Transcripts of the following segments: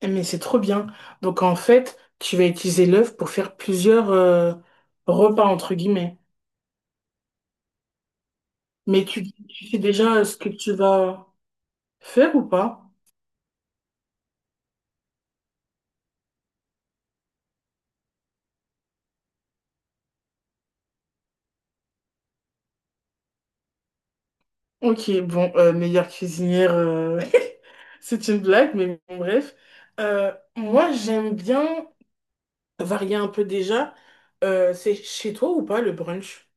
Eh, mais c'est trop bien. Donc en fait, tu vas utiliser l'œuf pour faire plusieurs repas entre guillemets. Mais tu sais déjà ce que tu vas faire ou pas? Ok, bon, meilleure cuisinière, c'est une blague, mais bon, bref. Moi, j'aime bien varier un peu déjà. C'est chez toi ou pas le brunch?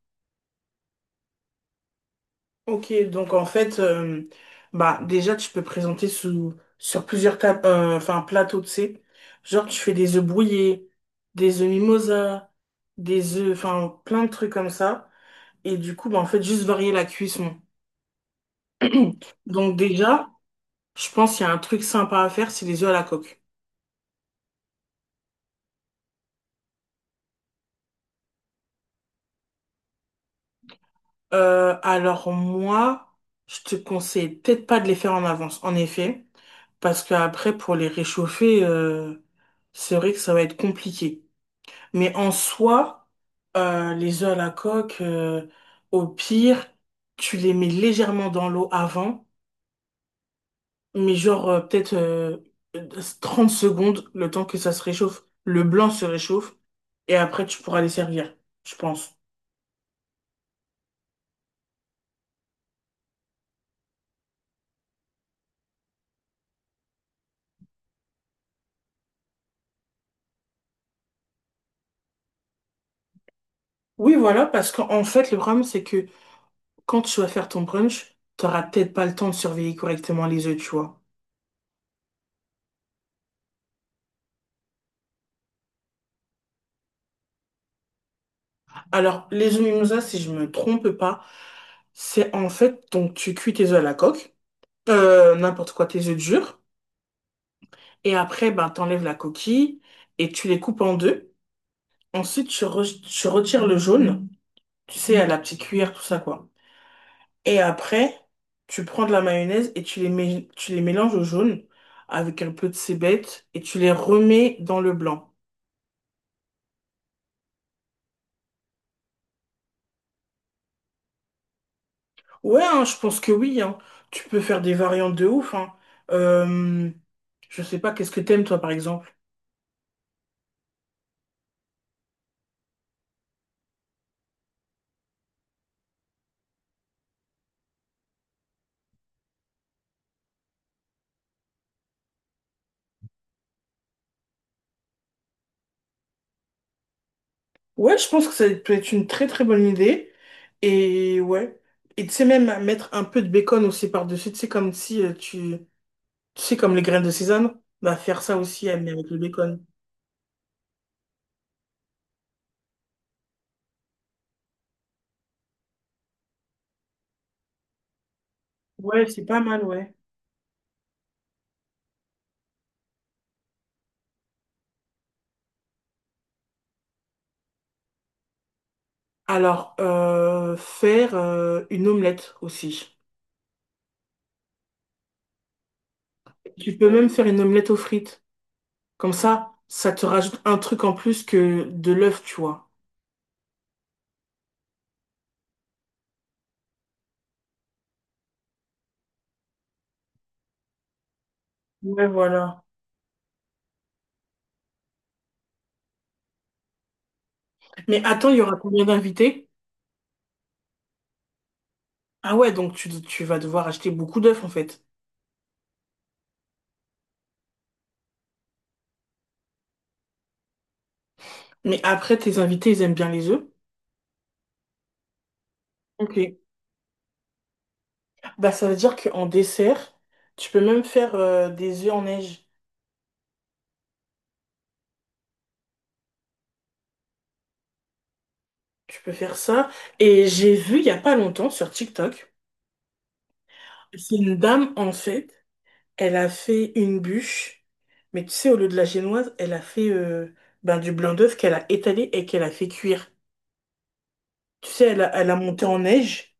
Ok, donc en fait, bah déjà tu peux présenter sous sur plusieurs tables, enfin plateaux, tu sais. Genre tu fais des œufs brouillés, des œufs mimosa, des œufs, enfin plein de trucs comme ça. Et du coup, bah en fait juste varier la cuisson. Donc déjà, je pense qu'il y a un truc sympa à faire, c'est les œufs à la coque. Alors moi, je te conseille peut-être pas de les faire en avance, en effet, parce qu'après pour les réchauffer, c'est vrai que ça va être compliqué. Mais en soi, les œufs à la coque, au pire, tu les mets légèrement dans l'eau avant, mais genre peut-être 30 secondes, le temps que ça se réchauffe, le blanc se réchauffe, et après tu pourras les servir, je pense. Oui, voilà, parce qu'en fait, le problème, c'est que quand tu vas faire ton brunch, t'auras peut-être pas le temps de surveiller correctement les œufs, tu vois. Alors, les œufs mimosa, si je me trompe pas, c'est en fait, donc tu cuis tes œufs à la coque, n'importe quoi, tes œufs durs. Et après, ben, t'enlèves la coquille et tu les coupes en deux. Ensuite, tu retires le jaune, tu sais, à la petite cuillère, tout ça, quoi. Et après, tu prends de la mayonnaise et tu tu les mélanges au jaune avec un peu de cébette et tu les remets dans le blanc. Ouais, hein, je pense que oui, hein. Tu peux faire des variantes de ouf, hein. Euh, je sais pas, qu'est-ce que t'aimes, toi, par exemple? Ouais, je pense que ça peut être une très très bonne idée. Et ouais. Et tu sais même mettre un peu de bacon aussi par-dessus, tu sais comme si tu sais comme les graines de sésame, bah faire ça aussi mais avec le bacon. Ouais, c'est pas mal, ouais. Alors faire une omelette aussi. Tu peux même faire une omelette aux frites. Comme ça te rajoute un truc en plus que de l'œuf, tu vois. Ouais, voilà. Mais attends, il y aura combien d'invités? Ah ouais, donc tu vas devoir acheter beaucoup d'œufs en fait. Mais après, tes invités, ils aiment bien les œufs. Ok. Bah, ça veut dire qu'en dessert, tu peux même faire des œufs en neige. Tu peux faire ça. Et j'ai vu il y a pas longtemps sur TikTok, c'est une dame, en fait, elle a fait une bûche. Mais tu sais, au lieu de la génoise, elle a fait ben, du blanc d'œuf qu'elle a étalé et qu'elle a fait cuire. Tu sais, elle a monté en neige,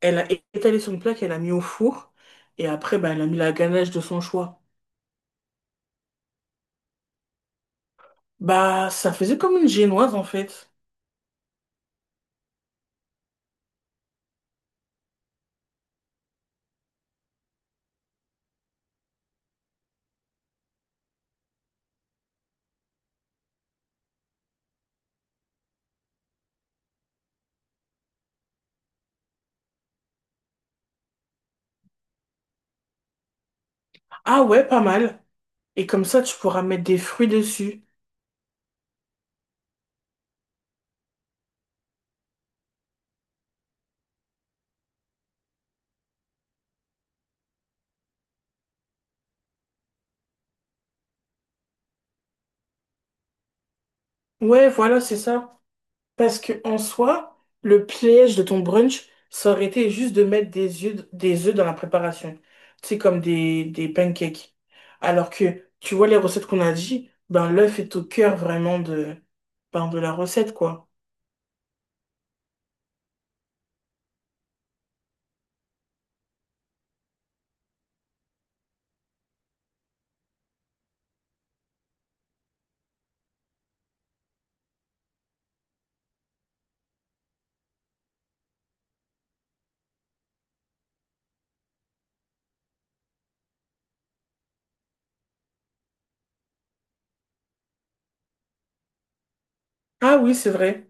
elle a étalé son plat qu'elle a mis au four, et après, ben, elle a mis la ganache de son choix. Bah, ça faisait comme une génoise, en fait. Ah ouais, pas mal. Et comme ça, tu pourras mettre des fruits dessus. Ouais, voilà, c'est ça. Parce que en soi, le piège de ton brunch, ça aurait été juste de mettre des œufs dans la préparation. C'est comme des pancakes. Alors que, tu vois, les recettes qu'on a dit, ben l'œuf est au cœur vraiment de, ben, de la recette, quoi. Ah oui, c'est vrai.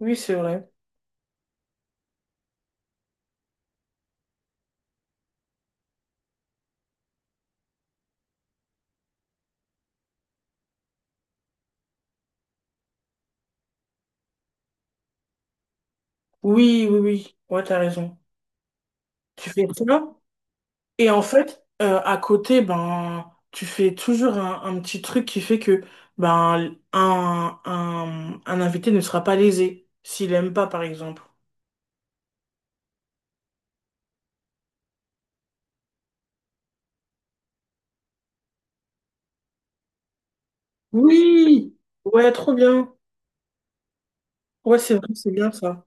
Oui, c'est vrai. Oui, oui, oui. Ouais, t'as raison. Tu fais ça? Et en fait, à côté, ben, tu fais toujours un petit truc qui fait que ben, un invité ne sera pas lésé s'il aime pas, par exemple. Oui! Ouais, trop bien. Ouais, c'est vrai, c'est bien ça.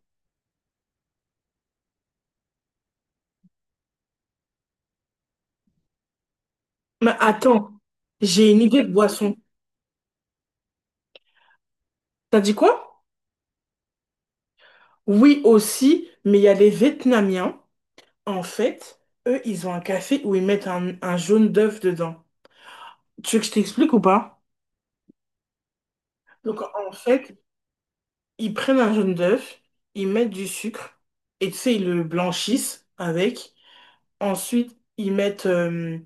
Mais attends, j'ai une idée de boisson. T'as dit quoi? Oui, aussi, mais il y a les Vietnamiens, en fait, eux, ils ont un café où ils mettent un jaune d'œuf dedans. Tu veux que je t'explique ou pas? Donc, en fait, ils prennent un jaune d'œuf, ils mettent du sucre, et tu sais, ils le blanchissent avec. Ensuite, ils mettent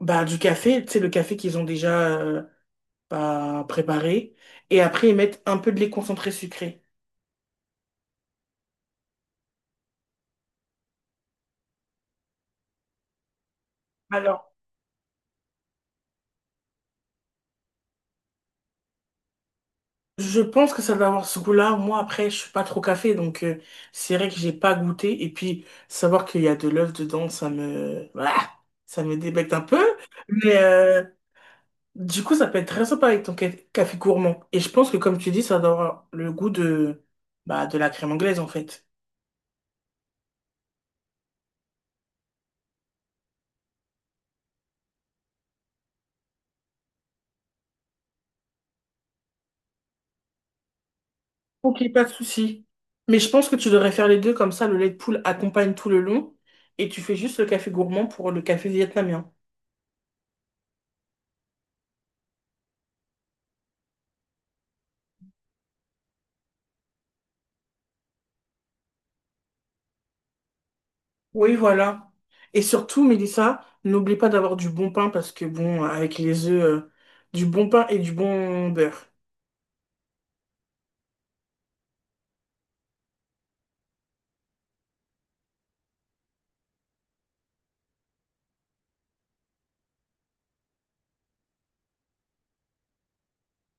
bah, du café, tu sais, le café qu'ils ont déjà bah, préparé. Et après, ils mettent un peu de lait concentré sucré. Alors, je pense que ça doit avoir ce goût-là. Moi, après, je suis pas trop café, donc c'est vrai que j'ai pas goûté. Et puis, savoir qu'il y a de l'œuf dedans, ça me... voilà, ça me débecte un peu. Mais, euh, Du coup, ça peut être très sympa avec ton café gourmand. Et je pense que, comme tu dis, ça doit avoir le goût de, bah, de la crème anglaise, en fait. Ok, pas de souci. Mais je pense que tu devrais faire les deux, comme ça, le lait de poule accompagne tout le long et tu fais juste le café gourmand pour le café vietnamien. Oui, voilà. Et surtout, Mélissa, n'oublie pas d'avoir du bon pain parce que, bon, avec les œufs, du bon pain et du bon beurre.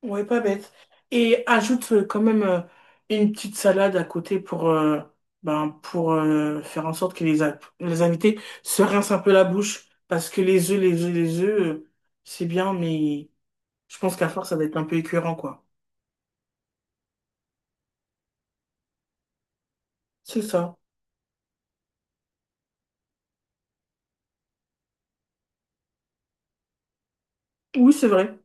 Ouais, pas bête. Et ajoute quand même une petite salade à côté pour, ben, pour faire en sorte que les invités se rincent un peu la bouche. Parce que les œufs, les œufs, les œufs, c'est bien, mais je pense qu'à force, ça va être un peu écœurant, quoi. C'est ça. Oui, c'est vrai.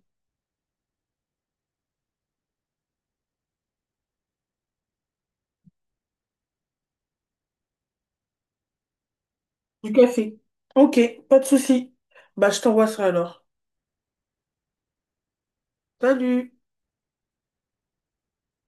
Du café. Ok, pas de souci. Bah, je t'envoie ça alors. Salut!